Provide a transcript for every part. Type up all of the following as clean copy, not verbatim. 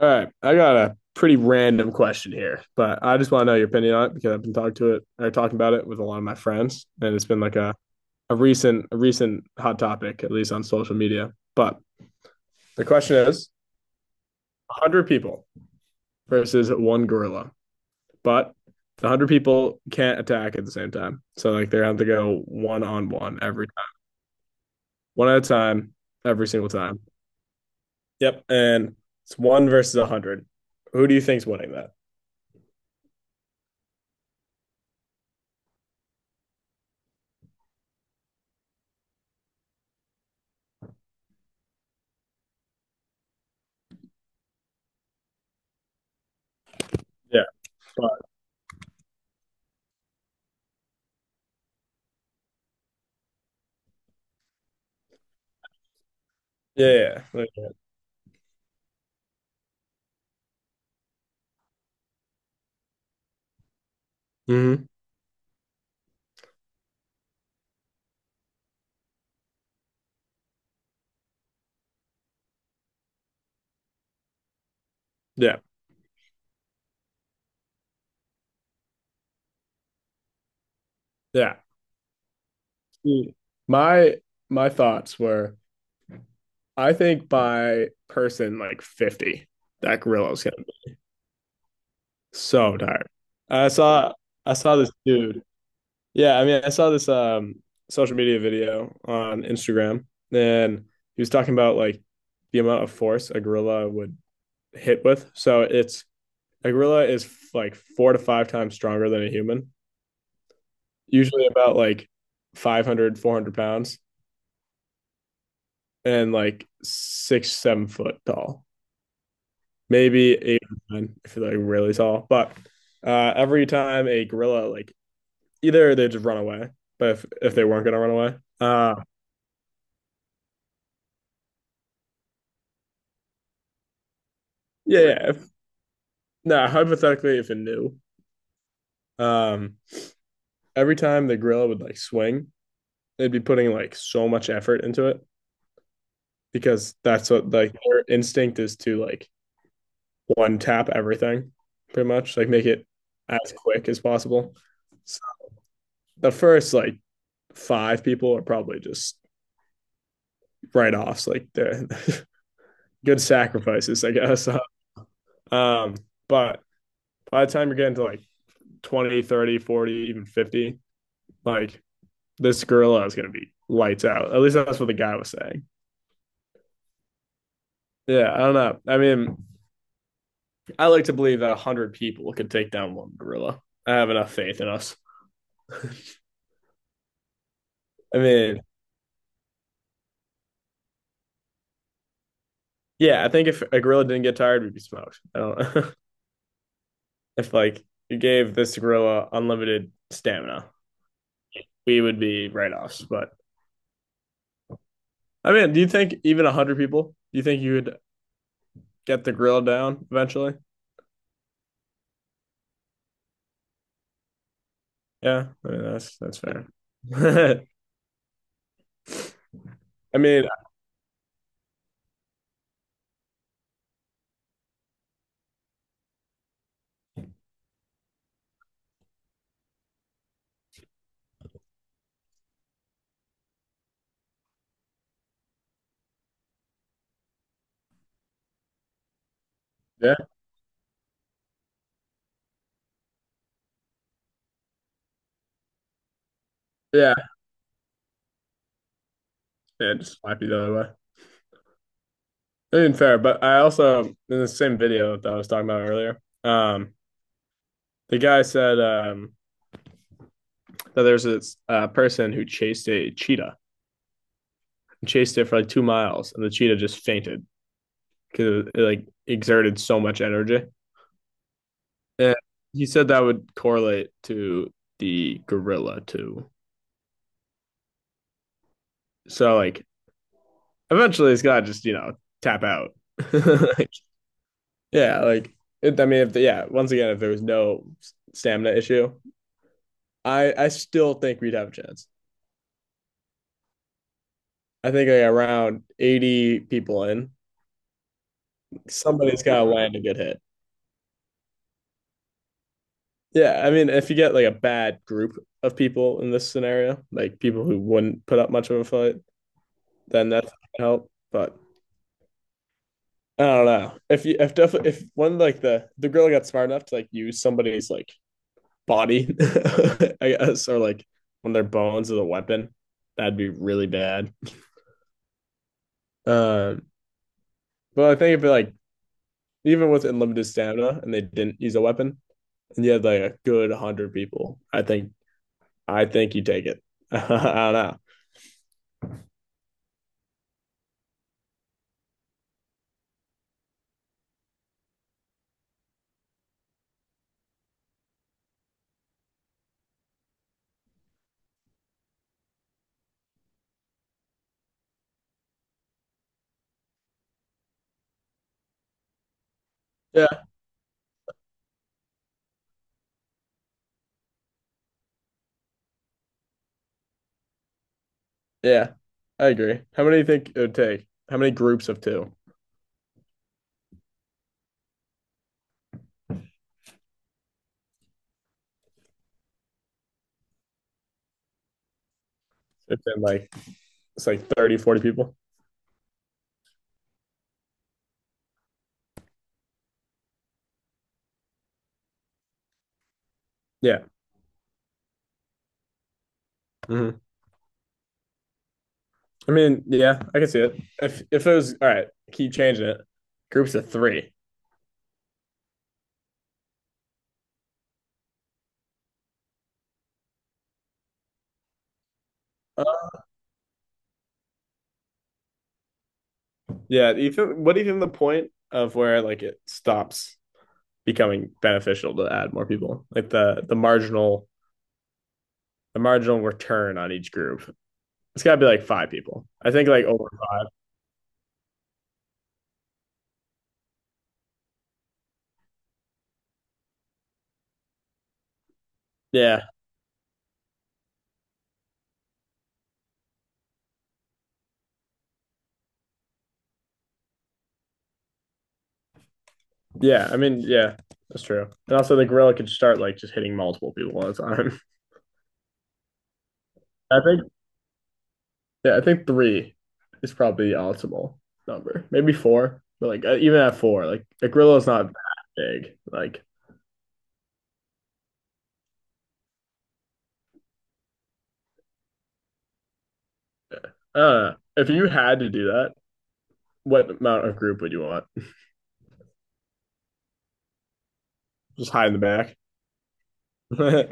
All right, I got a pretty random question here, but I just want to know your opinion on it because I've been talking to it or talking about it with a lot of my friends, and it's been like a recent a recent hot topic, at least on social media. But the question is 100 people versus one gorilla, but the 100 people can't attack at the same time. So, like, they're going to have to go one on one every time, one at a time, every single time. Yep. And it's one versus 100. Who do you think's winning that? Yeah. But, yeah. Yeah. Yeah. Hmm. Yeah. Yeah. Mm. My my thoughts were I think by person like 50, that gorilla's gonna be so tired. I saw I saw this dude. Yeah, I mean I saw this social media video on Instagram, and he was talking about like the amount of force a gorilla would hit with. So it's a gorilla is like four to five times stronger than a human, usually about like 500, 400 pounds, and like six, 7 foot tall, maybe eight or nine if they're like really tall. But every time a gorilla, like, either they just run away, but if they weren't gonna run away, uh, yeah, yeah. If, nah, hypothetically, if it knew, um, every time the gorilla would like swing, they'd be putting like so much effort into it because that's what like their instinct is to like one tap everything, pretty much like make it as quick as possible. So the first like five people are probably just write offs. Like they're good sacrifices, I guess. um, but by the time you're getting to like 20, 30, 40, even 50, like, this gorilla is going to be lights out. At least that's what the guy was saying. Yeah, I don't know. I mean, I like to believe that 100 people could take down one gorilla. I have enough faith in us. I mean, yeah, I think if a gorilla didn't get tired, we'd be smoked. I don't know. If like you gave this gorilla unlimited stamina, we would be write offs. But I mean, do you think even 100 people, do you think you would get the grill down eventually. Yeah, I mean, that's fair. I mean, yeah, yeah, yeah, just slap you the other way. I mean, fair, but I also in the same video that I was talking about earlier, um, the guy said that there's this person who chased a cheetah, chased it for like 2 miles, and the cheetah just fainted because it like exerted so much energy. And he said that would correlate to the gorilla too. So like eventually it's gotta just tap out, like, yeah, like I mean if the, yeah, once again, if there was no stamina issue, I still think we'd have a chance. I think like around 80 people in, somebody's gotta land a good hit. Yeah, I mean if you get like a bad group of people in this scenario, like people who wouldn't put up much of a fight, then that's gonna help. But I don't know, if definitely if one, like, the girl got smart enough to like use somebody's like body, I guess, or like when their bones as a weapon. That'd be really bad. Um, but I think if like even with unlimited stamina and they didn't use a weapon, and you had like a good hundred people, I think you take it. I don't know. Yeah, yeah, I agree. How many do you think it would take? How many groups of two? It's been like it's like 30, 40 people. Yeah. Hmm. I mean, yeah, I can see it. If it was, all right, keep changing it. Groups of three. Uh, yeah. What do you think the point of where like it stops becoming beneficial to add more people? Like the marginal the marginal return on each group. It's gotta be like five people. I think like over five. Yeah. Yeah, I mean, yeah, that's true. And also, the gorilla could start like just hitting multiple people at a time. I think, yeah, I think three is probably the optimal number. Maybe four, but like even at four, like, a gorilla is not that big. Like, if you had to do that, what amount of group would you want? Just hide in the back. Yeah,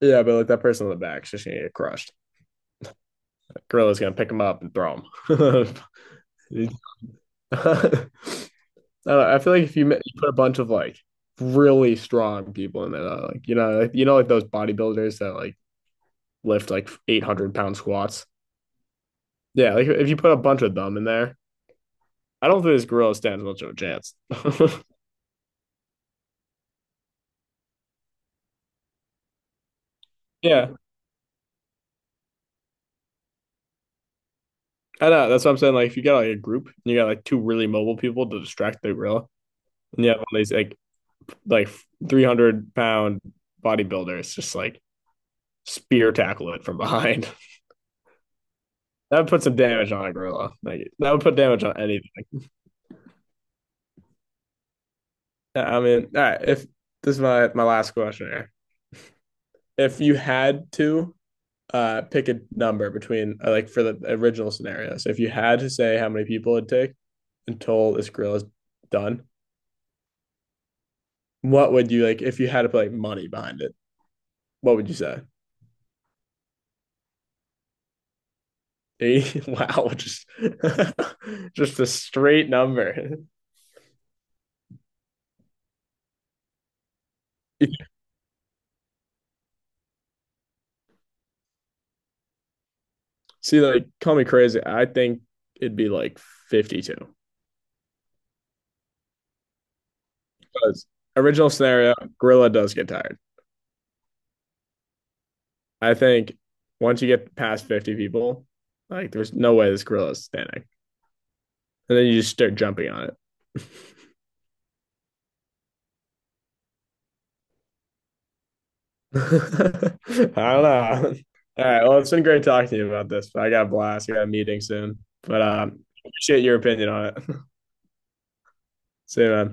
yeah, but like that person in the back is just gonna get crushed. That gorilla's gonna pick him up and throw him. I don't know, I feel like if you put a bunch of like really strong people in there, like, like, like those bodybuilders that like lift like 800 pound squats. Yeah, like if you put a bunch of them in there, I don't think this gorilla stands much of a chance. Yeah, I know. That's what I'm saying. Like if you got like a group and you got like two really mobile people to distract the gorilla, and you have all these like 300 pound bodybuilders just like spear tackle it from behind. That would put some damage on a gorilla. Like that would put damage on anything. I mean, all right. If this is my last question here, if you had to pick a number between like, for the original scenario, so if you had to say how many people it'd take until this grill is done, what would you like? If you had to put like money behind it, what would you say? 80? Wow, just just a straight number. See, like, call me crazy. I think it'd be like 52. Because, original scenario, gorilla does get tired. I think once you get past 50 people, like, there's no way this gorilla is standing. And then you just start jumping on it. I don't know. All right. Well, it's been great talking to you about this. I got a blast. I got a meeting soon. But appreciate your opinion on it. See you, man.